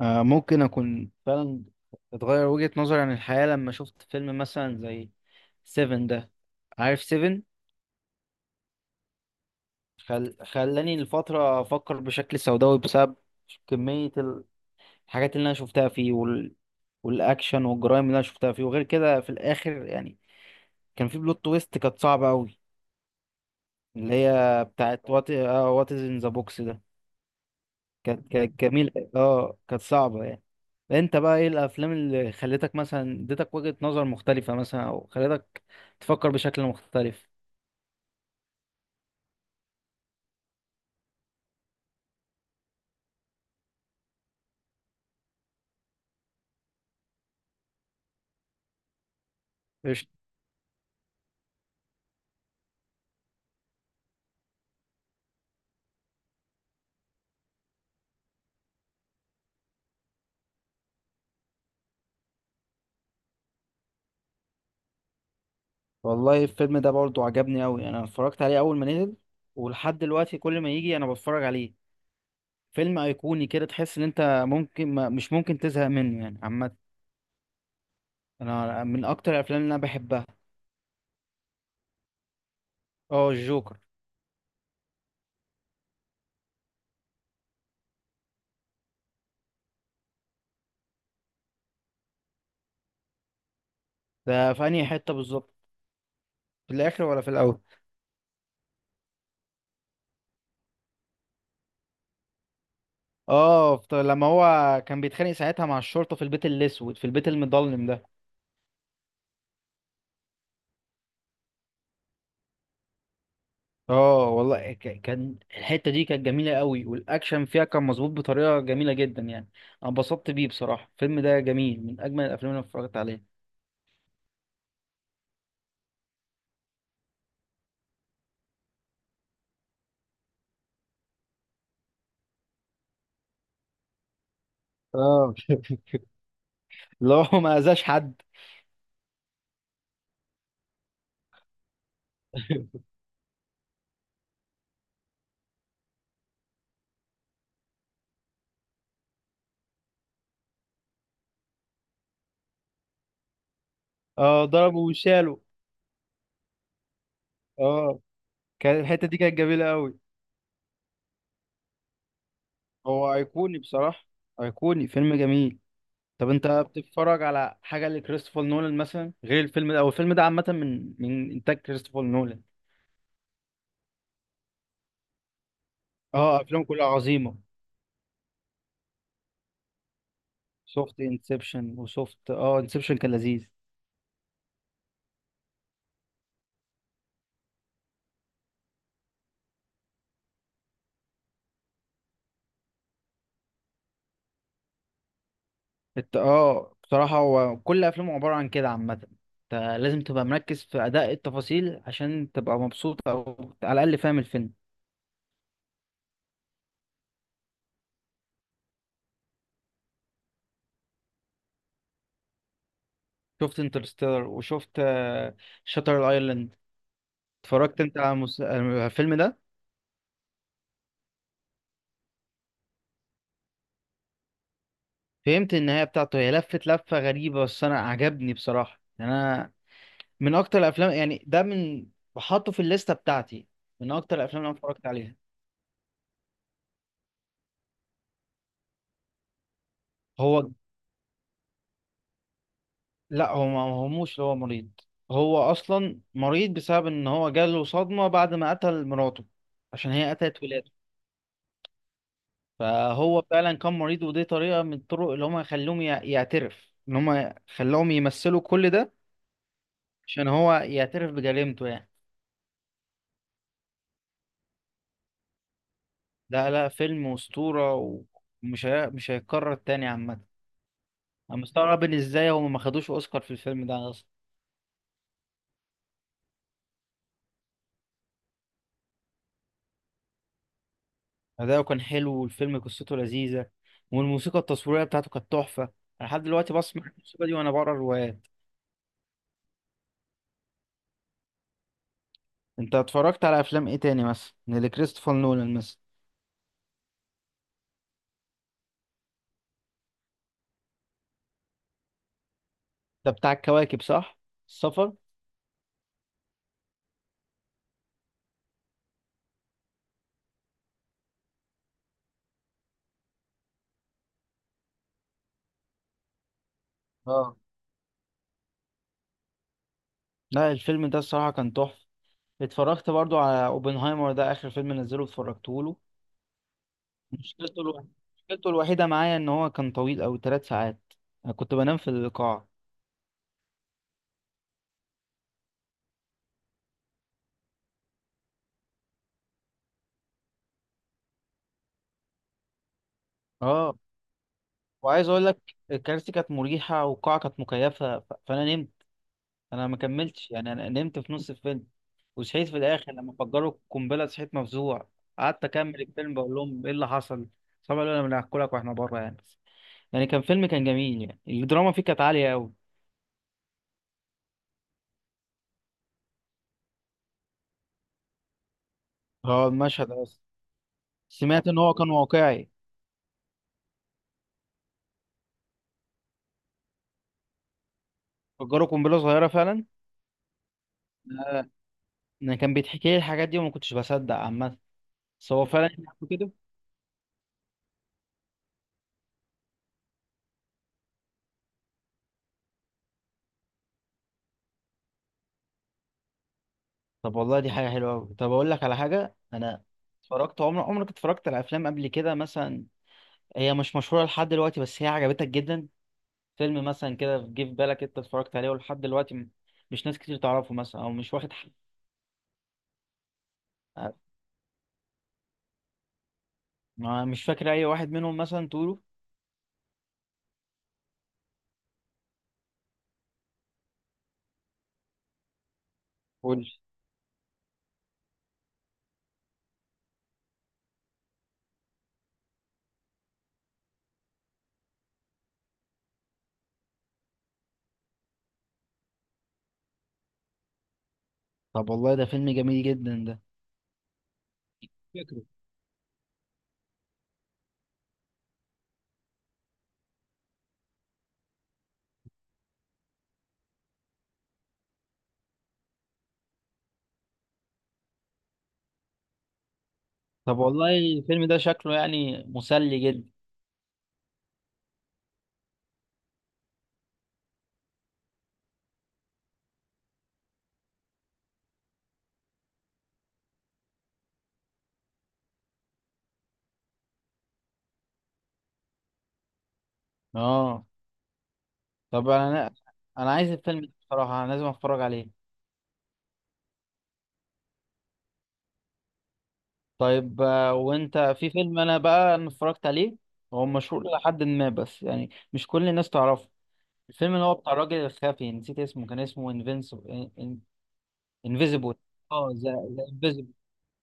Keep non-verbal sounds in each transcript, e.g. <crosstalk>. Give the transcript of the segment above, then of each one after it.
آه، ممكن اكون فعلا اتغير وجهة نظري عن الحياة لما شفت فيلم مثلا زي سيفن ده. عارف سيفن؟ خلاني لفترة افكر بشكل سوداوي بسبب كمية الحاجات اللي انا شفتها فيه والاكشن والجرائم اللي انا شفتها فيه، وغير كده في الاخر يعني كان في بلوت تويست كانت صعبة قوي، اللي هي بتاعت وات وات از ان ذا بوكس ده. كانت جميلة، اه كانت صعبة يعني. انت بقى ايه الافلام اللي خلتك مثلا اديتك وجهة نظر مختلفة مثلا، او خلتك تفكر بشكل مختلف؟ قشطة. والله الفيلم ده برضه عجبني قوي، انا اتفرجت عليه اول ما نزل ولحد دلوقتي كل ما يجي انا بتفرج عليه، فيلم ايقوني كده تحس ان انت ممكن ما مش ممكن تزهق منه يعني. عامة انا من اكتر الافلام اللي انا بحبها. اه الجوكر. ده في انهي حتة بالظبط؟ في الاخر ولا في الاول؟ اه لما هو كان بيتخانق ساعتها مع الشرطة في البيت الأسود، في البيت المظلم ده. اه والله، كان الحتة دي كانت جميلة قوي، والأكشن فيها كان مظبوط بطريقة جميلة جدا يعني. أنا اتبسطت بيه بصراحة، الفيلم ده جميل من أجمل الأفلام اللي أنا اتفرجت عليها. اه. <laughs> اللي هو ما أذاش حد. <laughs> اه ضربه وشاله. اه. كان الحتة دي كانت جميلة قوي. هو أيقوني بصراحة، أيقوني فيلم جميل. طب انت بتتفرج على حاجه لكريستوفر نولان مثلا غير الفيلم ده؟ او الفيلم ده عامه من انتاج كريستوفر نولان. اه افلام كلها عظيمه. سوفت انسبشن وسوفت انسبشن كان لذيذ. اه بصراحه هو كل افلامه عباره عن كده عامه. انت لازم تبقى مركز في اداء التفاصيل عشان تبقى مبسوط، او على الاقل فاهم الفيلم. شفت انترستيلر وشفت شاتر ايلاند. اتفرجت انت على على الفيلم ده؟ فهمت النهايه بتاعته، هي لفت لفه غريبه بس انا عجبني بصراحه يعني. انا من اكتر الافلام يعني، ده من بحطه في الليسته بتاعتي، من اكتر الافلام اللي انا اتفرجت عليها. هو لا هو ما هموش اللي هو مريض، هو اصلا مريض بسبب ان هو جاله صدمه بعد ما قتل مراته عشان هي قتلت ولاده. فهو فعلا كان مريض، ودي طريقه من الطرق اللي هم خلوهم يعترف، ان هم خلوهم يمثلوا كل ده عشان هو يعترف بجريمته يعني. لا لا فيلم اسطوره، مش هيتكرر تاني عامه. انا مستغرب ان ازاي هم ما خدوش اوسكار في الفيلم ده اصلا. أداؤه كان حلو، والفيلم قصته لذيذة، والموسيقى التصويرية بتاعته كانت تحفة. أنا لحد دلوقتي بسمع الموسيقى دي وأنا بقرا روايات. أنت اتفرجت على أفلام إيه تاني مثلا؟ اللي كريستوفر نولان مثلا. ده بتاع الكواكب صح؟ السفر؟ اه. لا الفيلم ده الصراحة كان تحفة. اتفرجت برضو على اوبنهايمر ده، آخر فيلم نزله اتفرجته له. مشكلته الوحيدة، مشكلته الوحيدة معايا إن هو كان طويل أوي تلات ساعات. أنا كنت بنام في القاعة. اه، وعايز أقول لك الكراسي كانت مريحة والقاعة كانت مكيفة، فأنا نمت. انا ما كملتش يعني، انا نمت في نص الفيلم وصحيت في الاخر لما فجروا القنبله، صحيت مفزوع. قعدت اكمل الفيلم بقول لهم ايه اللي حصل، طبعا قالوا لنا بناكلك واحنا بره يعني. بس يعني كان فيلم كان جميل يعني، الدراما فيه كانت عاليه قوي. اه المشهد اصلا. سمعت ان هو كان واقعي. فجروا قنبله صغيره فعلا. آه، انا كان بيتحكي لي الحاجات دي وما كنتش بصدق عامه. بس هو فعلا يحكوا كده. طب والله دي حاجه حلوه قوي. طب اقول لك على حاجه، انا اتفرجت عمرك اتفرجت على افلام قبل كده مثلا، هي مش مشهورة لحد دلوقتي بس هي عجبتك جدا؟ فيلم مثلا كده جه في بالك انت اتفرجت عليه ولحد دلوقتي مش ناس كتير تعرفه مثلا، او مش واخد حق؟ مش فاكر اي واحد منهم مثلا تقوله؟ قول لي. طب والله ده فيلم جميل جدا ده. فكره. طب والله الفيلم ده شكله يعني مسلي جدا. اه. طب انا، انا عايز الفيلم ده بصراحة، انا لازم اتفرج عليه. طيب وانت في فيلم، انا بقى انا اتفرجت عليه، هو مشهور لحد ما بس يعني مش كل الناس تعرفه. الفيلم اللي هو بتاع الراجل الخفي نسيت اسمه، كان اسمه انفينسيبل. انفيزيبل. اه ذا انفيزيبل.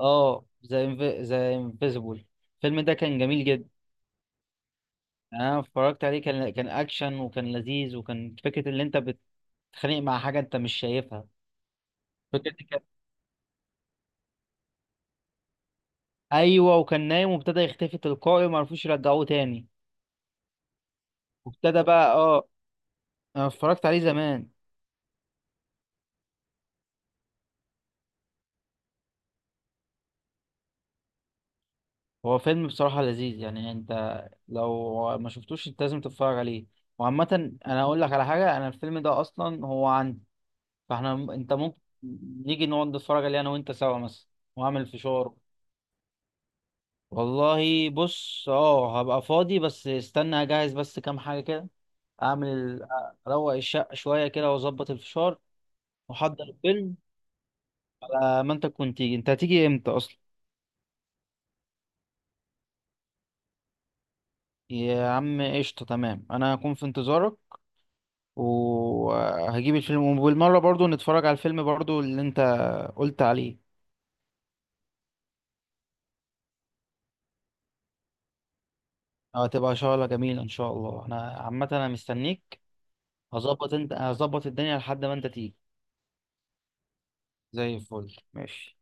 اه ذا ذا انفيزيبل. الفيلم ده كان جميل جدا. يعني انا اتفرجت عليه، كان اكشن وكان لذيذ، وكان فكره اللي انت بتتخانق مع حاجه انت مش شايفها. فكره دي كانت، ايوه، وكان نايم وابتدى يختفي تلقائي وما عرفوش يرجعوه تاني. وابتدى بقى، اه انا اتفرجت عليه زمان. هو فيلم بصراحه لذيذ يعني، انت لو ما شفتوش انت لازم تتفرج عليه. وعامة انا اقول لك على حاجة، انا الفيلم ده اصلا هو عندي، انت ممكن نيجي نقعد نتفرج عليه انا وانت سوا مثلا، واعمل فشار. والله بص، اه هبقى فاضي بس استنى اجهز بس كام حاجة كده. اعمل اروق الشقة شوية كده واظبط الفشار واحضر الفيلم. على ما انت تكون تيجي، انت هتيجي امتى اصلا؟ يا عم قشطة، تمام انا هكون في انتظارك وهجيب الفيلم، وبالمرة برضو نتفرج على الفيلم برضو اللي انت قلت عليه. اه تبقى شغلة جميلة ان شاء الله، انا عامة انا مستنيك. انت هظبط الدنيا لحد ما انت تيجي. زي الفل ماشي.